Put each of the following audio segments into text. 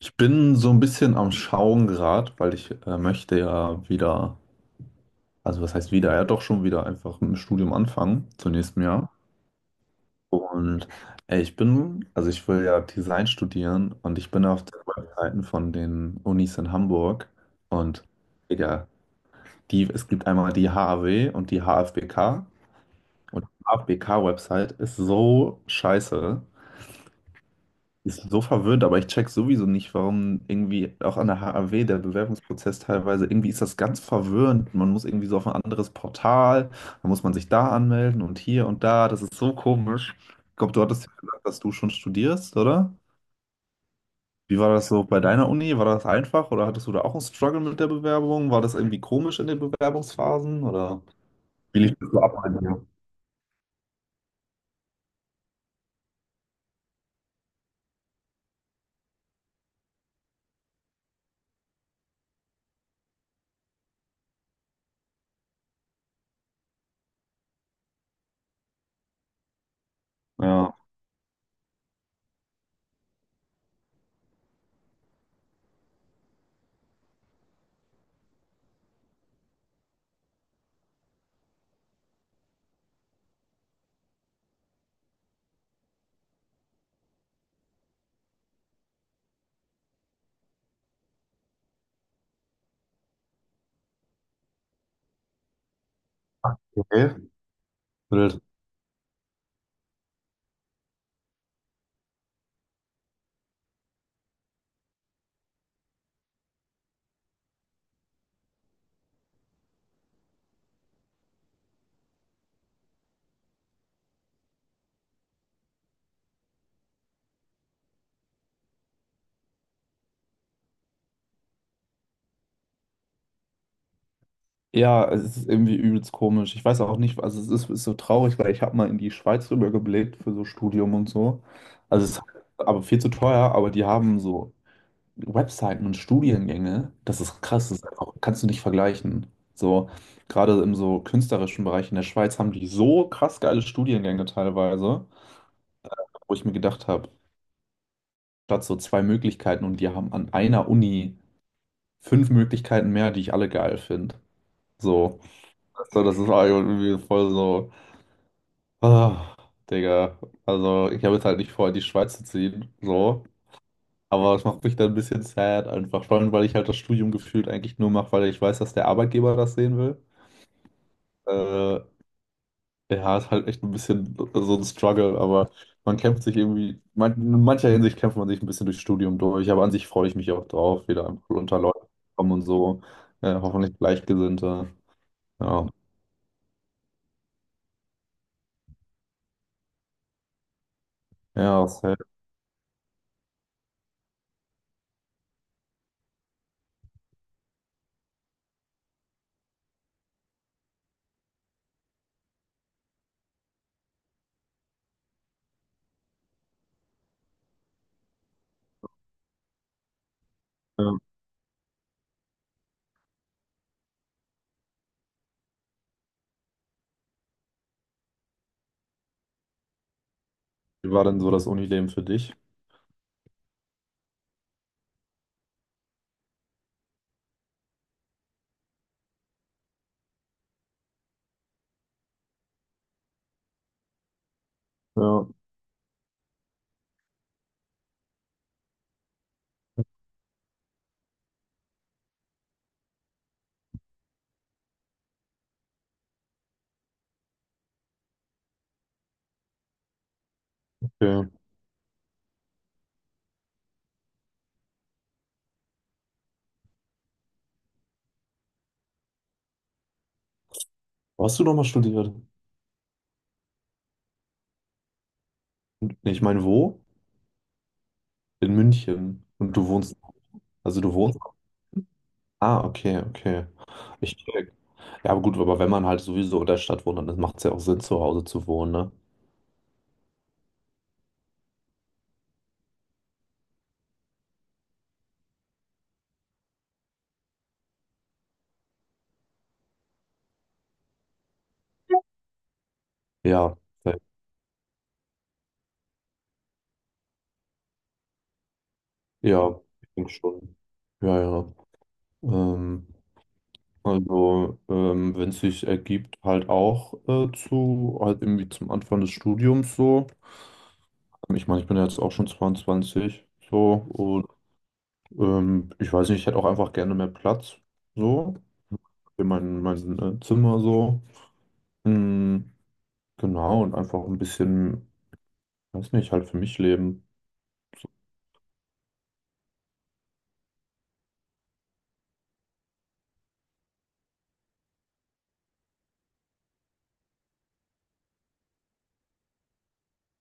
Ich bin so ein bisschen am Schauen gerade, weil ich möchte ja wieder, also was heißt wieder, ja doch schon wieder einfach mit dem Studium anfangen, zum nächsten Jahr. Und ich bin, also ich will ja Design studieren und ich bin auf den Webseiten von den Unis in Hamburg und Digga, die, es gibt einmal die HAW und die HFBK und die HFBK-Website ist so scheiße. Ist so verwirrend, aber ich check sowieso nicht, warum irgendwie auch an der HAW der Bewerbungsprozess teilweise, irgendwie ist das ganz verwirrend. Man muss irgendwie so auf ein anderes Portal, dann muss man sich da anmelden und hier und da. Das ist so komisch. Ich glaube, du hattest ja gesagt, dass du schon studierst, oder? Wie war das so bei deiner Uni? War das einfach oder hattest du da auch einen Struggle mit der Bewerbung? War das irgendwie komisch in den Bewerbungsphasen oder wie lief das so ab bei dir? Ja, okay. Wild. Ja, es ist irgendwie übelst komisch. Ich weiß auch nicht, also es ist, ist so traurig, weil ich habe mal in die Schweiz rübergeblickt für so Studium und so. Also es ist aber viel zu teuer, aber die haben so Webseiten und Studiengänge. Das ist krass, das ist einfach, kannst du nicht vergleichen. So, gerade im so künstlerischen Bereich in der Schweiz haben die so krass geile Studiengänge teilweise, wo ich mir gedacht habe, statt so zwei Möglichkeiten und die haben an einer Uni fünf Möglichkeiten mehr, die ich alle geil finde. So, so, das ist irgendwie voll so. Ah, Digga, also ich habe jetzt halt nicht vor, in die Schweiz zu ziehen, so. Aber es macht mich dann ein bisschen sad einfach, vor allem, weil ich halt das Studium gefühlt eigentlich nur mache, weil ich weiß, dass der Arbeitgeber das sehen will. Äh, ja, ist halt echt ein bisschen so ein Struggle, aber man kämpft sich irgendwie, man, in mancher Hinsicht kämpft man sich ein bisschen durchs Studium durch, aber an sich freue ich mich auch drauf, wieder einfach unter Leute zu kommen und so. Hoffentlich Gleichgesinnte. Ja, ja, sad. Ja. Wie war denn so das Unileben für dich? Ja, okay. Wo hast du nochmal studiert? Nee, ich meine, wo? In München. Und du wohnst. Also du wohnst. Ah, okay, okay. Ich check. Ja, aber gut, aber wenn man halt sowieso in der Stadt wohnt, dann macht es ja auch Sinn, zu Hause zu wohnen, ne? Ja. Ja, ja, ich denke schon. Ja, ja. Ähm, also, wenn es sich ergibt, halt auch zu, halt irgendwie zum Anfang des Studiums so. Ich meine, ich bin ja jetzt auch schon 22, so. Ich weiß nicht, ich hätte auch einfach gerne mehr Platz. So. Für mein, mein Zimmer so. Mm, genau, und einfach ein bisschen, weiß nicht, halt für mich leben.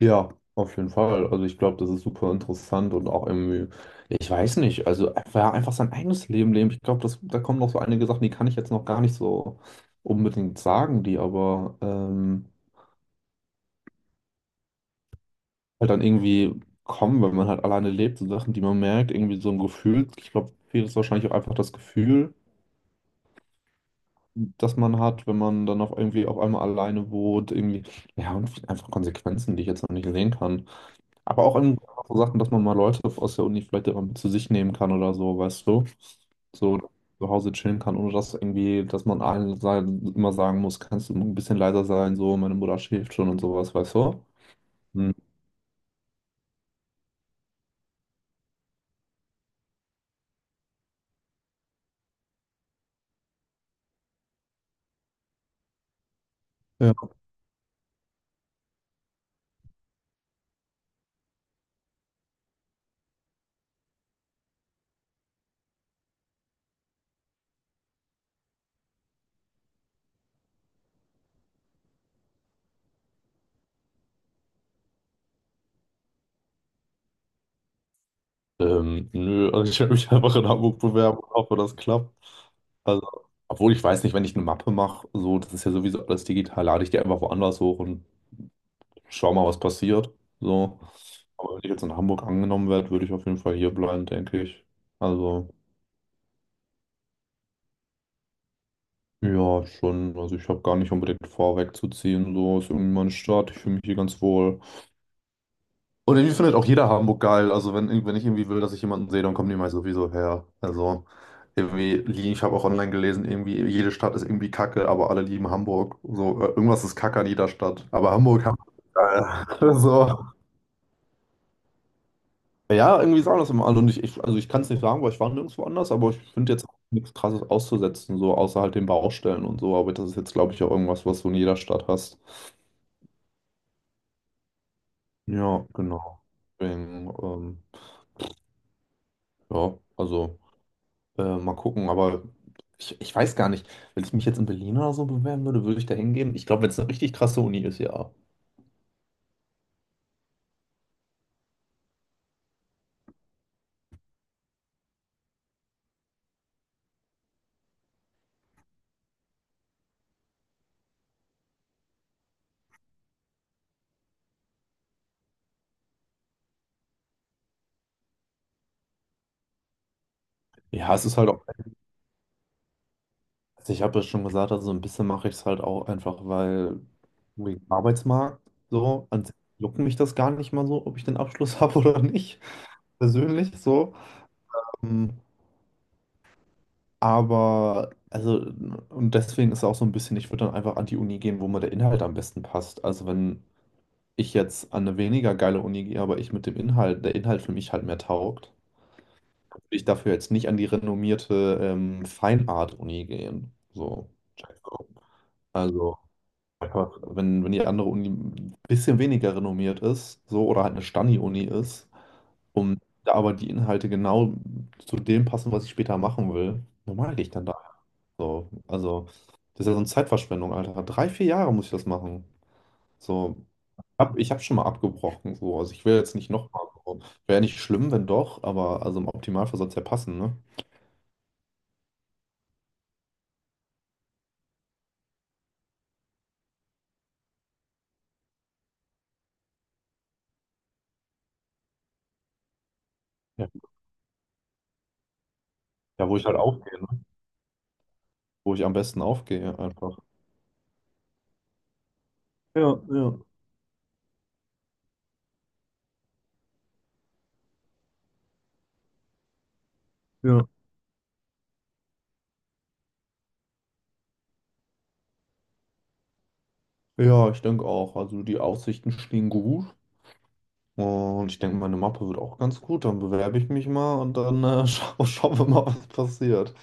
Ja, auf jeden Fall. Also ich glaube, das ist super interessant und auch irgendwie, ich weiß nicht, also einfach, ja, einfach sein eigenes Leben leben. Ich glaube, das, da kommen noch so einige Sachen, die kann ich jetzt noch gar nicht so unbedingt sagen, die aber halt dann irgendwie kommen, wenn man halt alleine lebt, so Sachen, die man merkt, irgendwie so ein Gefühl. Ich glaube, viel ist wahrscheinlich auch einfach das Gefühl das man hat, wenn man dann auch irgendwie auf einmal alleine wohnt, irgendwie, ja, und einfach Konsequenzen, die ich jetzt noch nicht sehen kann. Aber auch in so Sachen, dass man mal Leute aus der Uni vielleicht immer mit zu sich nehmen kann oder so, weißt du? So zu Hause chillen kann, ohne dass irgendwie, dass man allen sein, immer sagen muss, kannst du ein bisschen leiser sein, so, meine Mutter schläft schon und sowas, weißt du? Hm. Ja. Nö, also ich werde mich einfach in Hamburg bewerben und hoffe, das klappt. Also, obwohl ich weiß nicht, wenn ich eine Mappe mache, so, das ist ja sowieso alles digital, lade ich die einfach woanders hoch und schau mal, was passiert. So. Aber wenn ich jetzt in Hamburg angenommen werde, würde ich auf jeden Fall hier bleiben, denke ich. Also, ja, schon. Also ich habe gar nicht unbedingt vor, wegzuziehen. So ist irgendwie meine Stadt. Ich fühle mich hier ganz wohl. Und irgendwie findet auch jeder Hamburg geil. Also wenn, wenn ich irgendwie will, dass ich jemanden sehe, dann kommen die mal sowieso her. Also irgendwie, ich habe auch online gelesen, irgendwie jede Stadt ist irgendwie kacke, aber alle lieben Hamburg. So, irgendwas ist kacke an jeder Stadt. Aber Hamburg, Hamburg ist geil. So. Ja, irgendwie sagen das immer alle. Und ich, also ich kann es nicht sagen, weil ich war nirgendwo anders, aber ich finde jetzt auch nichts Krasses auszusetzen, so außer halt den Baustellen und so. Aber das ist jetzt, glaube ich, auch irgendwas, was du in jeder Stadt hast. Ja, genau. Deswegen, ja, also. Mal gucken, aber ich weiß gar nicht, wenn ich mich jetzt in Berlin oder so bewerben würde, würde ich da hingehen? Ich glaube, wenn es eine richtig krasse Uni ist, ja. Ja, es ist halt auch, also ich habe ja schon gesagt, also so ein bisschen mache ich es halt auch einfach, weil wegen Arbeitsmarkt so, an sich juckt mich das gar nicht mal so, ob ich den Abschluss habe oder nicht, persönlich so. Ähm, Aber, also, und deswegen ist auch so ein bisschen, ich würde dann einfach an die Uni gehen, wo mir der Inhalt am besten passt. Also wenn ich jetzt an eine weniger geile Uni gehe, aber ich mit dem Inhalt, der Inhalt für mich halt mehr taugt, würde ich dafür jetzt nicht an die renommierte Fine Art uni gehen. So, also einfach, wenn, wenn die andere Uni ein bisschen weniger renommiert ist, so, oder halt eine Stani-Uni ist, um da aber die Inhalte genau zu dem passen, was ich später machen will, normal gehe ich dann da. So, also, das ist ja so eine Zeitverschwendung, Alter. Drei, vier Jahre muss ich das machen. So, ich habe schon mal abgebrochen, so. Also ich will jetzt nicht nochmal. So. Wäre nicht schlimm, wenn doch, aber also im Optimalfall soll es ja passen, ne? Ja, ja, wo ich halt aufgehe, ne? Wo ich am besten aufgehe, einfach. Ja, ja, ja. Ja, ich denke auch. Also die Aussichten stehen gut. Und ich denke, meine Mappe wird auch ganz gut. Dann bewerbe ich mich mal und dann schauen wir mal, was passiert.